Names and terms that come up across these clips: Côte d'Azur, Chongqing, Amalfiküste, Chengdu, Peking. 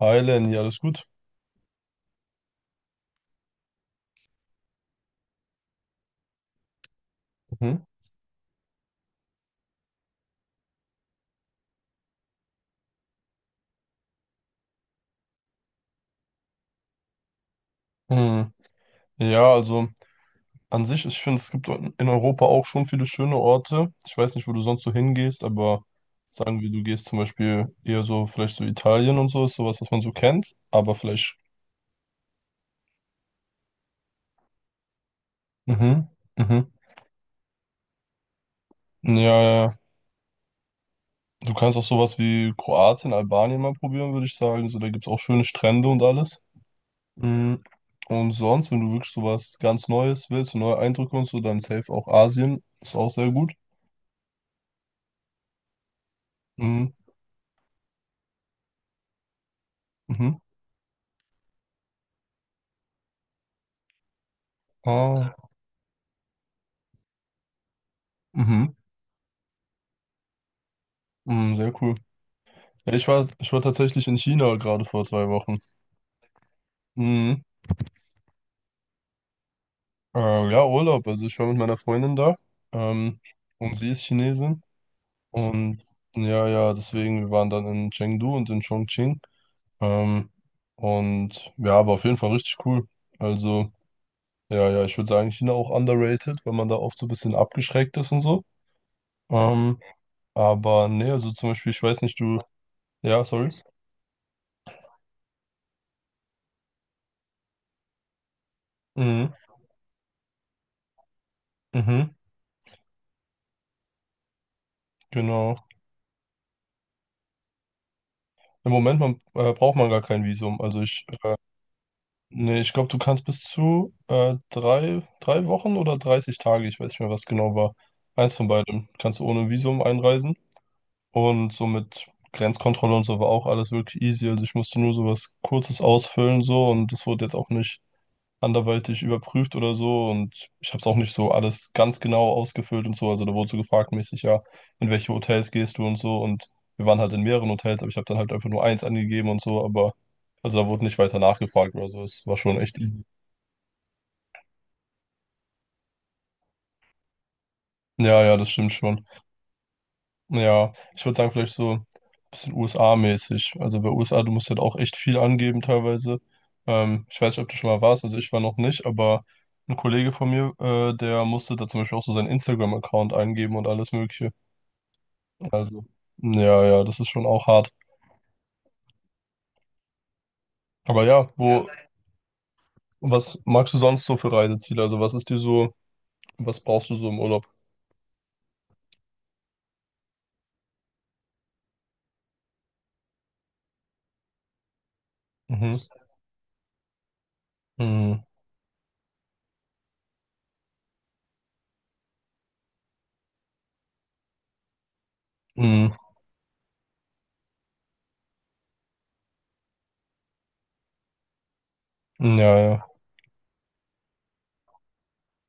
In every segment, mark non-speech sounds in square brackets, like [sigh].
Hi Lenny, alles gut? Mhm. Hm. Ja, also an sich, ich finde, es gibt in Europa auch schon viele schöne Orte. Ich weiß nicht, wo du sonst so hingehst, aber sagen wir, du gehst zum Beispiel eher so, vielleicht so Italien und so, ist sowas, was man so kennt, aber vielleicht. Mhm. Mhm. Ja, ja. Du kannst auch sowas wie Kroatien, Albanien mal probieren, würde ich sagen. So, da gibt es auch schöne Strände und alles. Mhm. Und sonst, wenn du wirklich sowas ganz Neues willst, so neue Eindrücke und so, dann safe auch Asien. Ist auch sehr gut. Mhm. Mhm. Ah, Mhm. Mhm, sehr cool. Ja, ich war tatsächlich in China gerade vor 2 Wochen. Mhm. Ja, Urlaub. Also ich war mit meiner Freundin da. Ähm, und sie ist Chinesin. Und ja, ja, deswegen, wir waren dann in Chengdu und in Chongqing. Ähm, und ja, aber auf jeden Fall richtig cool. Also, ja, ja, ich würde sagen, China auch underrated, weil man da oft so ein bisschen abgeschreckt ist und so. Ähm, aber nee, also zum Beispiel, ich weiß nicht, du. Ja, sorry. Mhm. Mhm. Genau. Im Moment man, braucht man gar kein Visum. Also ich, nee, ich glaube, du kannst bis zu drei Wochen oder 30 Tage, ich weiß nicht mehr, was genau war. Eins von beidem. Kannst du ohne Visum einreisen. Und so mit Grenzkontrolle und so war auch alles wirklich easy. Also ich musste nur so was Kurzes ausfüllen so und das wurde jetzt auch nicht anderweitig überprüft oder so und ich habe es auch nicht so alles ganz genau ausgefüllt und so. Also da wurde so gefragt mäßig, ja, in welche Hotels gehst du und so und wir waren halt in mehreren Hotels, aber ich habe dann halt einfach nur eins angegeben und so, aber also da wurde nicht weiter nachgefragt oder so. Es war schon echt easy. Ja, ja, das stimmt schon. Ja, ich würde sagen, vielleicht so ein bisschen USA-mäßig. Also bei USA, du musst halt auch echt viel angeben teilweise. Ich weiß nicht, ob du schon mal warst, also ich war noch nicht, aber ein Kollege von mir, der musste da zum Beispiel auch so seinen Instagram-Account eingeben und alles Mögliche. Also, ja, ja, das ist schon auch hart. Aber ja, was magst du sonst so für Reiseziele? Also was ist dir so, was brauchst du so im Urlaub? Mhm. Mhm. Mhm. Mhm. Ja, ja.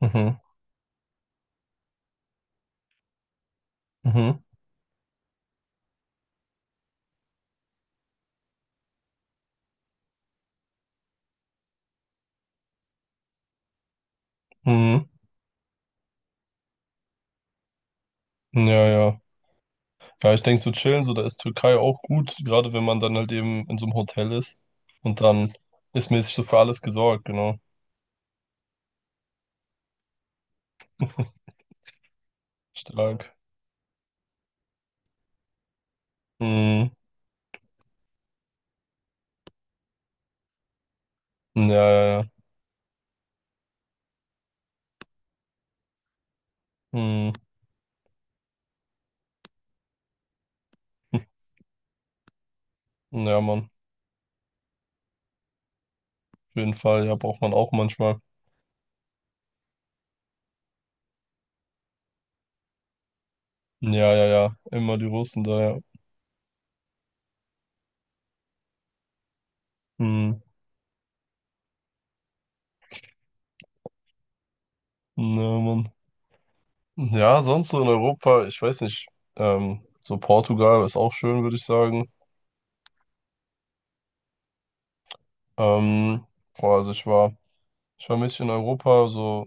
Mhm. Mhm. Mhm. Ja, ja. Ja, ich denke, so chillen, so da ist Türkei auch gut, gerade wenn man dann halt eben in so einem Hotel ist. Und dann ist mäßig so für alles gesorgt, genau. [laughs] Stark. Mhm. Ja, ja, ja. Mhm. [laughs] Ja, Mann. Auf jeden Fall. Ja, braucht man auch manchmal. Ja, ja, ja. Immer die Russen da, ja. Mhm. Ja, Mann. Ja, sonst so in Europa, ich weiß nicht. So Portugal ist auch schön, würde ich sagen. Ähm, Boah, also ich war mäßig in Europa, so.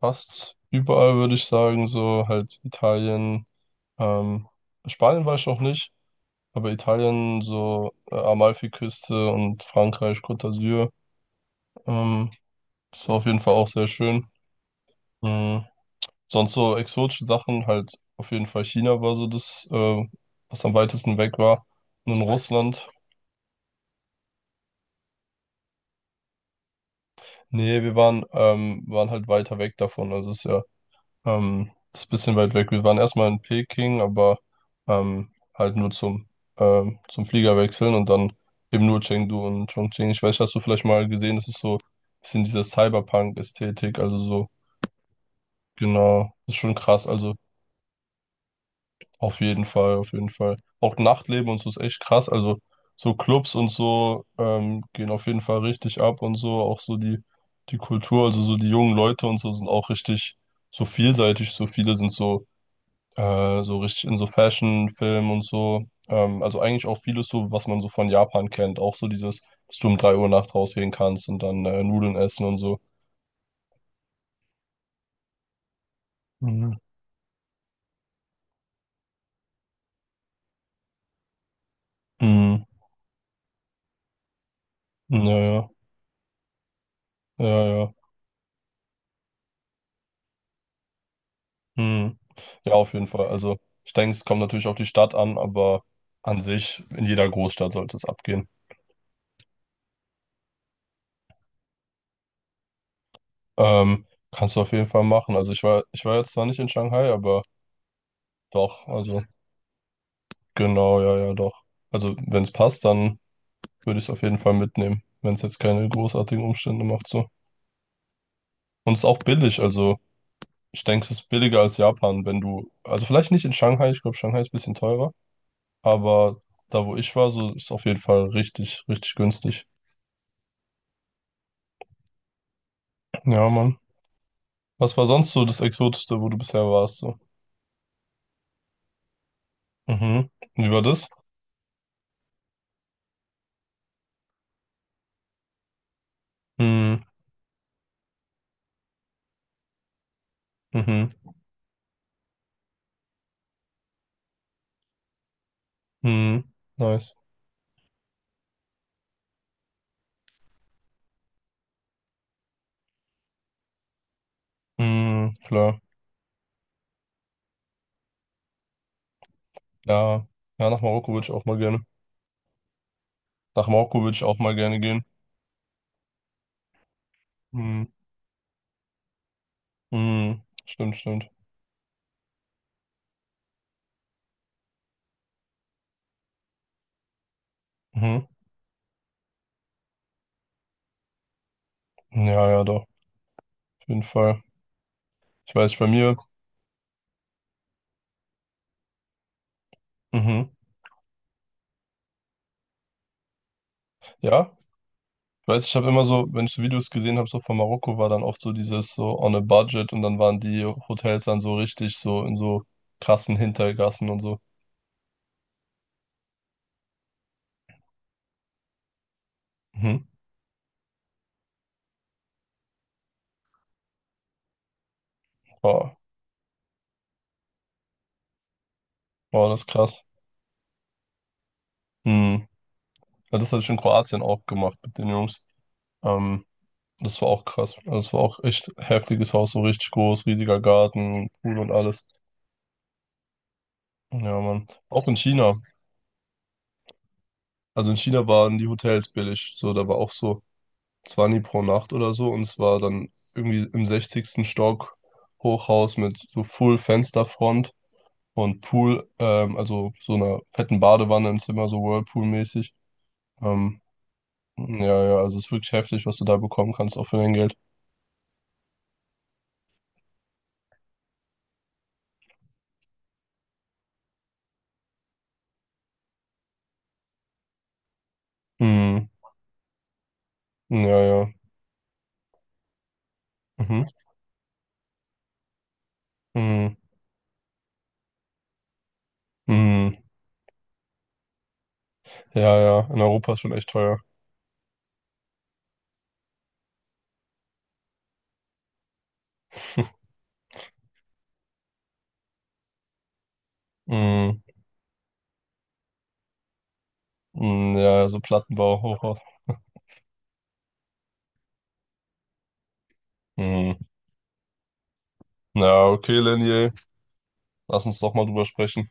Fast überall würde ich sagen, so halt Italien, ähm, Spanien war ich noch nicht, aber Italien, so Amalfiküste und Frankreich, Côte d'Azur, ähm, ist auf jeden Fall auch sehr schön. Mhm. Sonst so exotische Sachen, halt auf jeden Fall China war so das, was am weitesten weg war. Und in Russland, nee, wir waren halt weiter weg davon, also es ist ja das ist ein bisschen weit weg. Wir waren erstmal in Peking, aber halt nur zum Flieger wechseln und dann eben nur Chengdu und Chongqing. Ich weiß, hast du vielleicht mal gesehen, das ist so ein bisschen diese Cyberpunk-Ästhetik, also so, genau, das ist schon krass. Also auf jeden Fall, auf jeden Fall. Auch Nachtleben und so ist echt krass. Also so Clubs und so gehen auf jeden Fall richtig ab und so. Auch so die Kultur, also so die jungen Leute und so sind auch richtig so vielseitig. So viele sind so richtig in so Fashion, Film und so. Also eigentlich auch vieles so, was man so von Japan kennt. Auch so dieses, dass du um 3 Uhr nachts rausgehen kannst und dann Nudeln essen und so. Mhm. Mhm. Ja, ja, ja, ja. Mhm. Ja, auf jeden Fall. Also ich denke, es kommt natürlich auf die Stadt an, aber an sich, in jeder Großstadt sollte es abgehen. Kannst du auf jeden Fall machen. Also ich war jetzt zwar nicht in Shanghai, aber doch, also genau, ja, ja, doch. Also wenn es passt, dann. Würde ich es auf jeden Fall mitnehmen, wenn es jetzt keine großartigen Umstände macht so. Und es ist auch billig, also ich denke, es ist billiger als Japan, wenn du, also vielleicht nicht in Shanghai, ich glaube, Shanghai ist ein bisschen teurer, aber da wo ich war, so ist es auf jeden Fall richtig, richtig günstig. Ja, Mann. Was war sonst so das Exotischste, wo du bisher warst so? Mhm. Wie war das? Mhm. Mhm. Mhm. Nice. Mhm. Klar. Ja. Ja, nach Marokko würde ich auch mal gerne. Nach Marokko würde ich auch mal gerne gehen. Mhm. Mhm. Stimmt, stimmt. Mhm. Ja, ja, doch, auf jeden Fall. Ich weiß, bei mir, mhm. Ja, ich weiß, ich habe immer so, wenn ich so Videos gesehen habe, so von Marokko, war dann oft so dieses so on a budget und dann waren die Hotels dann so richtig so in so krassen Hintergassen und so. Mhm. Wow, wow, das ist krass. Mhm. Ja, das habe ich in Kroatien auch gemacht mit den Jungs. Ähm, Das war auch krass. Also, das war auch echt heftiges Haus, so richtig groß, riesiger Garten, Pool und alles. Ja, Mann. Auch in China. Also in China waren die Hotels billig. So, da war auch so, 20 pro Nacht oder so und es war dann irgendwie im 60. Stock Hochhaus mit so Full Fensterfront und Pool, also so einer fetten Badewanne im Zimmer, so Whirlpool-mäßig. Ähm, ja, ja, also es ist wirklich heftig, was du da bekommen kannst, auch für dein Geld. Mhm. Ja, ja. Mhm. Mhm. Mhm. Ja, ja, in Europa ist schon echt teuer. [laughs] Mhm. Mhm. Ja, ja, so Plattenbau, Hochhaus. Mhm. Ja, okay, Lenny, lass uns doch mal drüber sprechen.